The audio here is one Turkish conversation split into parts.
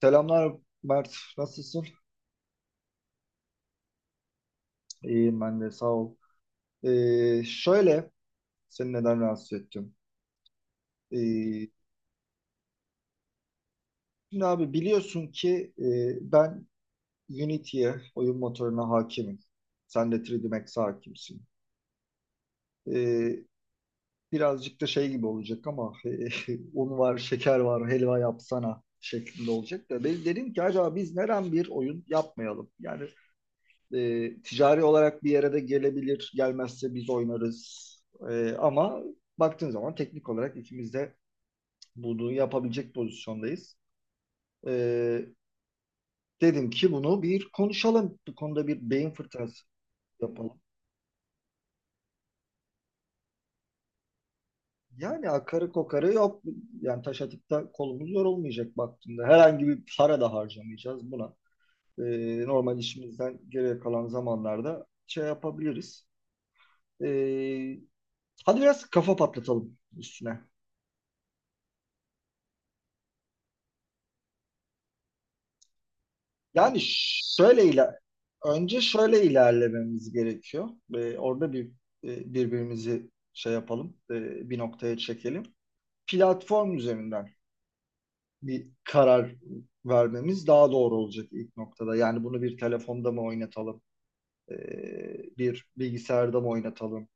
Selamlar Mert, nasılsın? İyiyim ben de, sağ ol. Ee, şöyle, seni neden rahatsız ettim? Ee, şimdi abi biliyorsun ki ben Unity'ye, oyun motoruna hakimim. Sen de 3D Max'e hakimsin. Ee, birazcık da şey gibi olacak ama un var, şeker var, helva yapsana şeklinde olacak da. Ben dedim ki acaba biz neden bir oyun yapmayalım? Yani ticari olarak bir yere de gelebilir. Gelmezse biz oynarız. Ama baktığın zaman teknik olarak ikimiz de bunu yapabilecek pozisyondayız. E, dedim ki bunu bir konuşalım. Bu konuda bir beyin fırtınası yapalım. Yani akarı kokarı yok. Yani taş atıp kolumuz yorulmayacak baktığında. Herhangi bir para da harcamayacağız buna. E, normal işimizden geriye kalan zamanlarda şey yapabiliriz. E, hadi biraz kafa patlatalım üstüne. Yani şöyle iler önce şöyle ilerlememiz gerekiyor. Orada bir birbirimizi şey yapalım, bir noktaya çekelim. Platform üzerinden bir karar vermemiz daha doğru olacak ilk noktada. Yani bunu bir telefonda mı oynatalım, e, bir bilgisayarda mı oynatalım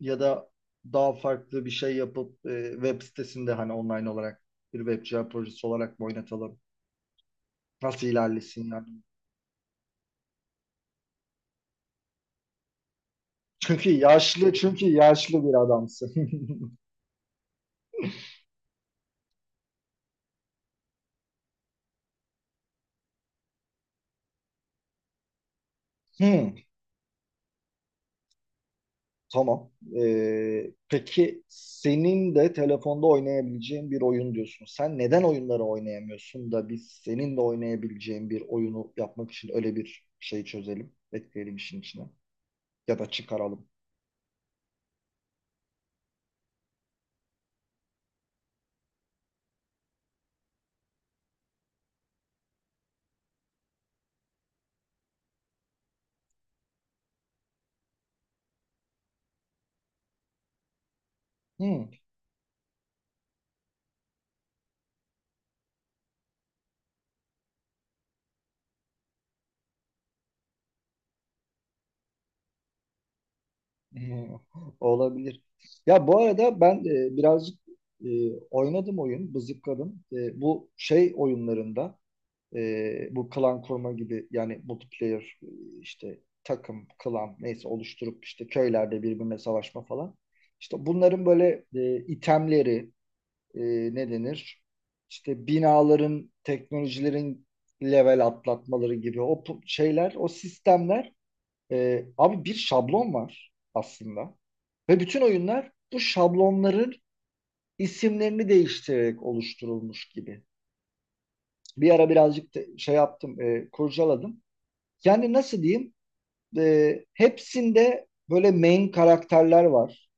ya da daha farklı bir şey yapıp web sitesinde hani online olarak bir web cihaz projesi olarak mı oynatalım? Nasıl ilerlesin? Çünkü yaşlı, çünkü yaşlı bir adamsın. Hmm, tamam. Peki senin de telefonda oynayabileceğin bir oyun diyorsun. Sen neden oyunları oynayamıyorsun da biz senin de oynayabileceğin bir oyunu yapmak için öyle bir şey çözelim, ekleyelim işin içine ya da çıkaralım. Hmm. Hmm, olabilir. Ya bu arada ben birazcık e, oynadım oyun, bızıkladım. E, bu şey oyunlarında. Bu klan kurma gibi yani multiplayer işte takım, klan neyse oluşturup işte köylerde birbirine savaşma falan. İşte bunların böyle itemleri e, ne denir? İşte binaların, teknolojilerin level atlatmaları gibi o şeyler, o sistemler abi bir şablon var aslında. Ve bütün oyunlar bu şablonların isimlerini değiştirerek oluşturulmuş gibi. Bir ara birazcık da şey yaptım, kurcaladım. Yani nasıl diyeyim? Hepsinde böyle main karakterler var.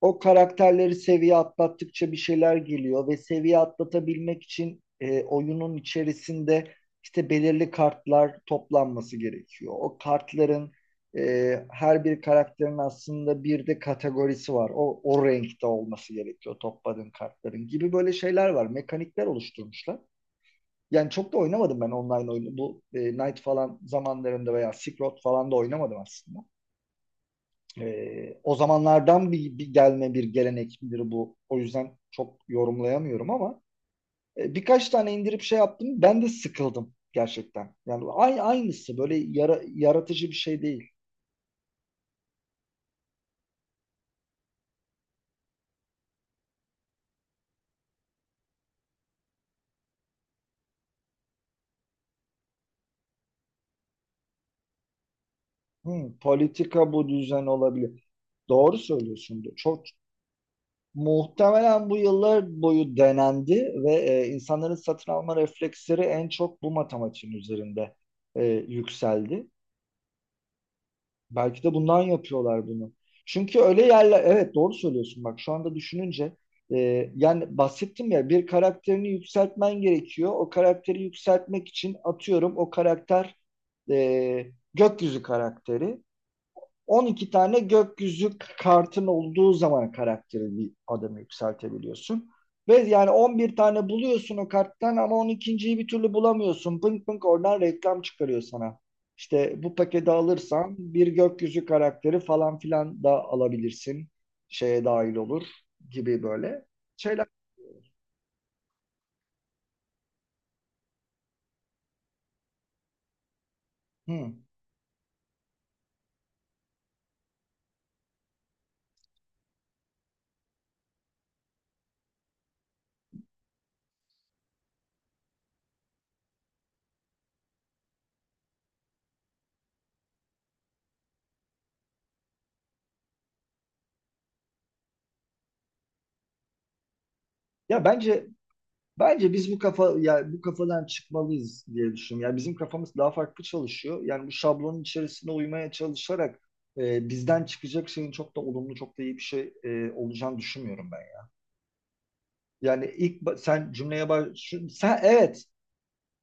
O karakterleri seviye atlattıkça bir şeyler geliyor ve seviye atlatabilmek için oyunun içerisinde işte belirli kartlar toplanması gerekiyor. O kartların e, her bir karakterin aslında bir de kategorisi var. O renkte olması gerekiyor topladığın kartların gibi böyle şeyler var. Mekanikler oluşturmuşlar. Yani çok da oynamadım ben online oyunu. Bu Knight falan zamanlarında veya Silk Road falan da oynamadım aslında. E, o zamanlardan bir gelme bir gelenek midir bu. O yüzden çok yorumlayamıyorum ama birkaç tane indirip şey yaptım. Ben de sıkıldım gerçekten. Yani aynısı böyle yaratıcı bir şey değil. Hmm, politika bu düzen olabilir. Doğru söylüyorsun. Çok muhtemelen bu yıllar boyu denendi ve insanların satın alma refleksleri en çok bu matematiğin üzerinde yükseldi. Belki de bundan yapıyorlar bunu. Çünkü öyle yerler, evet doğru söylüyorsun bak şu anda düşününce, e, yani bahsettim ya bir karakterini yükseltmen gerekiyor. O karakteri yükseltmek için atıyorum o karakter e, gökyüzü karakteri. 12 tane gökyüzü kartın olduğu zaman karakteri bir adamı yükseltebiliyorsun. Ve yani 11 tane buluyorsun o karttan ama 12.yi bir türlü bulamıyorsun. Pınk pınk oradan reklam çıkarıyor sana. İşte bu paketi alırsan bir gökyüzü karakteri falan filan da alabilirsin. Şeye dahil olur gibi böyle şeyler. Hı. Ya bence, bence biz bu kafa ya bu kafadan çıkmalıyız diye düşünüyorum. Yani bizim kafamız daha farklı çalışıyor. Yani bu şablonun içerisine uymaya çalışarak bizden çıkacak şeyin çok da olumlu, çok da iyi bir şey olacağını düşünmüyorum ben, ya. Yani ilk ba- sen cümleye baş şu- sen evet,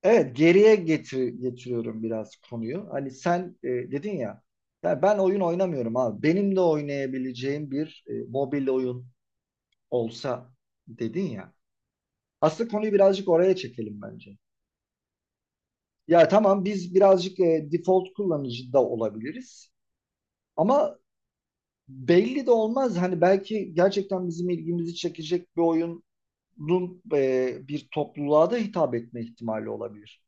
evet geriye getiriyorum biraz konuyu. Hani sen dedin ya, ya ben oyun oynamıyorum abi. Benim de oynayabileceğim bir mobil oyun olsa dedin ya. Aslında konuyu birazcık oraya çekelim bence. Ya tamam biz birazcık default kullanıcı da olabiliriz. Ama belli de olmaz. Hani belki gerçekten bizim ilgimizi çekecek bir oyunun bir topluluğa da hitap etme ihtimali olabilir.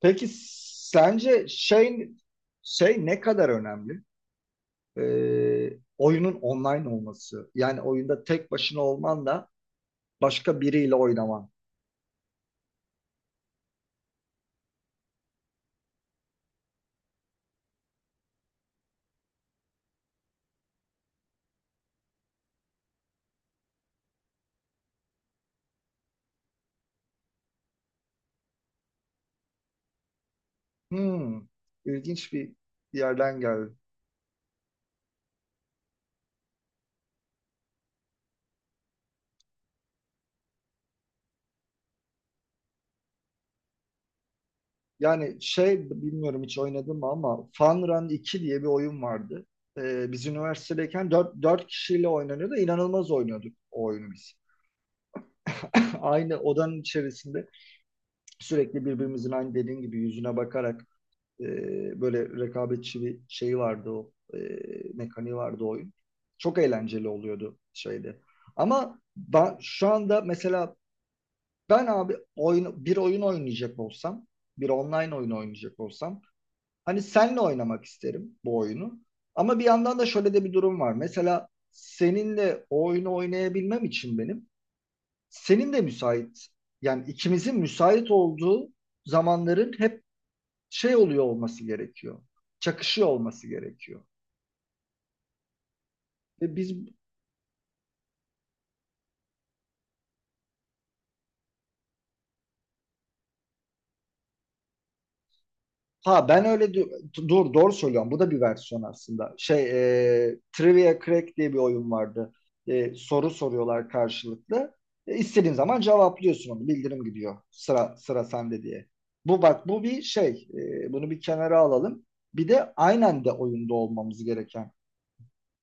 Peki sence şey ne kadar önemli? E, oyunun online olması. Yani oyunda tek başına olman da başka biriyle oynaman. Hmm, ilginç bir yerden geldi. Yani şey bilmiyorum hiç oynadım ama Fun Run 2 diye bir oyun vardı. Biz üniversitedeyken 4 kişiyle oynanıyordu. İnanılmaz oynuyorduk o oyunu biz. Aynı odanın içerisinde sürekli birbirimizin aynı dediğin gibi yüzüne bakarak e, böyle rekabetçi bir şey vardı mekaniği vardı o oyun. Çok eğlenceli oluyordu şeyde. Ama ben, şu anda mesela ben abi bir oyun oynayacak olsam, bir online oyun oynayacak olsam hani senle oynamak isterim bu oyunu. Ama bir yandan da şöyle de bir durum var. Mesela seninle o oyunu oynayabilmem için benim senin de müsait, yani ikimizin müsait olduğu zamanların hep şey oluyor olması gerekiyor. Çakışıyor olması gerekiyor. Ve biz Ha ben öyle du- dur doğru söylüyorum. Bu da bir versiyon aslında. Şey Trivia Crack diye bir oyun vardı. E, soru soruyorlar karşılıklı. E, istediğin zaman cevaplıyorsun onu. Bildirim gidiyor. Sıra, sıra sende diye. Bu bak bu bir şey. E, bunu bir kenara alalım. Bir de aynen de oyunda olmamız gereken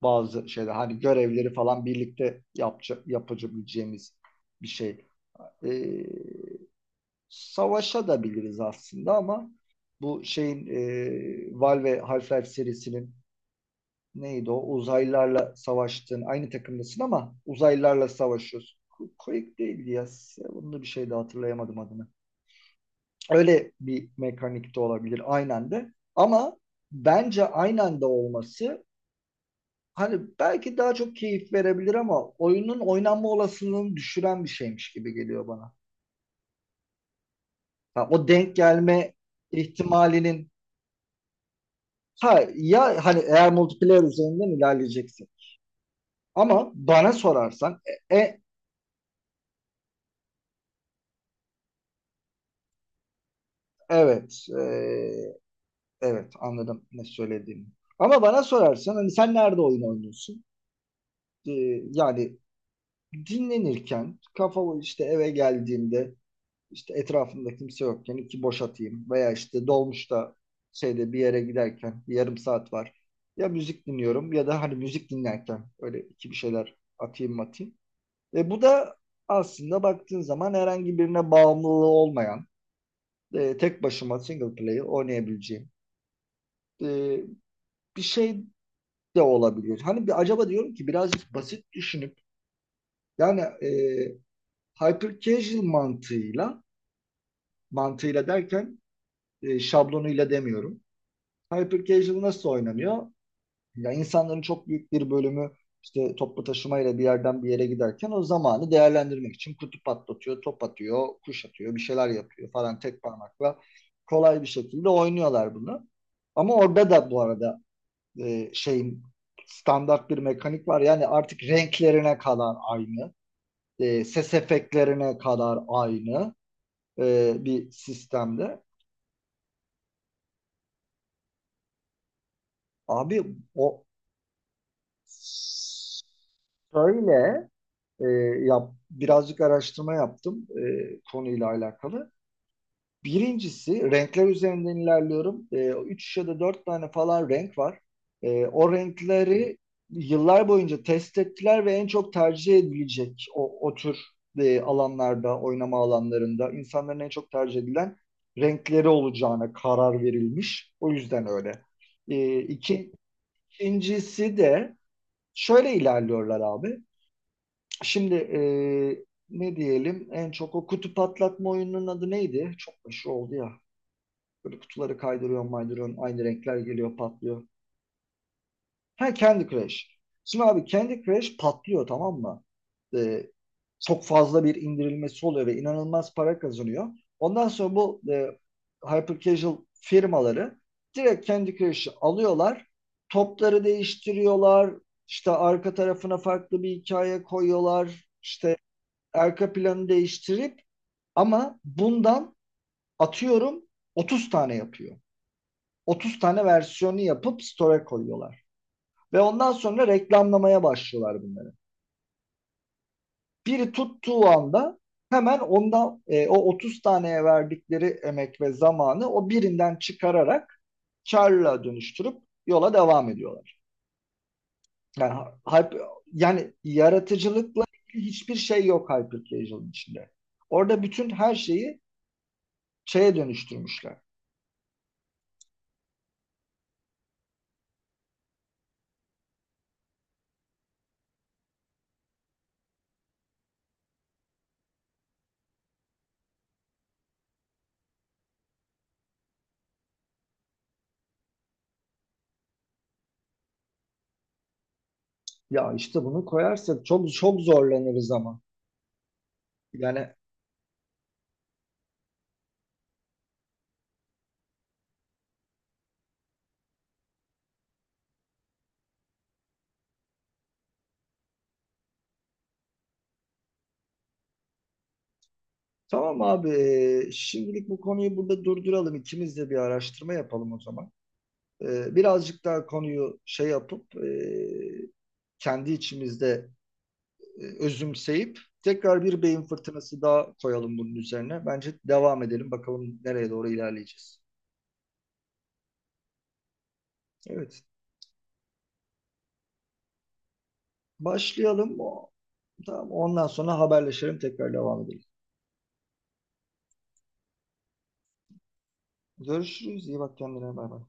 bazı şeyler. Hani görevleri falan birlikte yapabileceğimiz bir şey. E, savaşa da biliriz aslında ama bu şeyin Valve Half-Life serisinin neydi o? Uzaylılarla savaştığın aynı takımdasın ama uzaylılarla savaşıyorsun. Quake değildi ya. Bunu da bir şey de hatırlayamadım adını. Öyle bir mekanik de olabilir aynen de. Ama bence aynen de olması hani belki daha çok keyif verebilir ama oyunun oynanma olasılığını düşüren bir şeymiş gibi geliyor bana. Ha, o denk gelme ihtimalinin, ha ya hani eğer multiplayer üzerinden ilerleyeceksin. Ama bana sorarsan e, e- evet, evet anladım ne söylediğini. Ama bana sorarsan hani sen nerede oyun oynuyorsun? E, yani dinlenirken kafa işte eve geldiğimde işte etrafımda kimse yokken iki boş atayım veya işte dolmuşta şeyde bir yere giderken bir yarım saat var. Ya müzik dinliyorum ya da hani müzik dinlerken öyle iki bir şeyler atayım. Bu da aslında baktığın zaman herhangi birine bağımlılığı olmayan, tek başıma single player oynayabileceğim e, bir şey de olabilir. Hani bir acaba diyorum ki birazcık basit düşünüp yani hyper casual mantığıyla derken şablonuyla demiyorum. Hyper casual nasıl oynanıyor? Ya insanların çok büyük bir bölümü işte toplu taşımayla bir yerden bir yere giderken o zamanı değerlendirmek için kutu patlatıyor, top atıyor, kuş atıyor, bir şeyler yapıyor falan tek parmakla kolay bir şekilde oynuyorlar bunu. Ama orada da bu arada şeyin standart bir mekanik var. Yani artık renklerine kadar aynı, ses efektlerine kadar aynı bir sistemde. Abi o Şöyle e, birazcık araştırma yaptım konuyla alakalı. Birincisi renkler üzerinden ilerliyorum. E, üç ya da dört tane falan renk var. E, o renkleri yıllar boyunca test ettiler ve en çok tercih edilecek o tür alanlarda, oynama alanlarında insanların en çok tercih edilen renkleri olacağına karar verilmiş. O yüzden öyle. E, iki, ikincisi de şöyle ilerliyorlar abi. Şimdi ne diyelim en çok o kutu patlatma oyununun adı neydi? Çok meşhur oldu ya. Böyle kutuları kaydırıyorsun maydırıyorsun aynı renkler geliyor patlıyor. Ha, Candy Crush. Şimdi abi Candy Crush patlıyor tamam mı? E, çok fazla bir indirilmesi oluyor ve inanılmaz para kazanıyor. Ondan sonra bu hyper casual firmaları direkt Candy Crush'ı alıyorlar. Topları değiştiriyorlar. İşte arka tarafına farklı bir hikaye koyuyorlar. İşte arka planı değiştirip ama bundan atıyorum 30 tane yapıyor. 30 tane versiyonu yapıp store'a koyuyorlar. Ve ondan sonra reklamlamaya başlıyorlar bunları. Biri tuttuğu anda hemen ondan o 30 taneye verdikleri emek ve zamanı o birinden çıkararak karla dönüştürüp yola devam ediyorlar. Yani hype, yani yaratıcılıkla hiçbir şey yok Hypercasual'ın içinde. Orada bütün her şeyi şeye dönüştürmüşler. Ya işte bunu koyarsak çok çok zorlanırız ama. Yani tamam abi şimdilik bu konuyu burada durduralım. İkimiz de bir araştırma yapalım o zaman. Birazcık daha konuyu şey yapıp kendi içimizde özümseyip tekrar bir beyin fırtınası daha koyalım bunun üzerine. Bence devam edelim bakalım nereye doğru ilerleyeceğiz. Evet, başlayalım. Tamam, ondan sonra haberleşelim tekrar devam edelim. Görüşürüz. İyi bak kendine. Bay bay.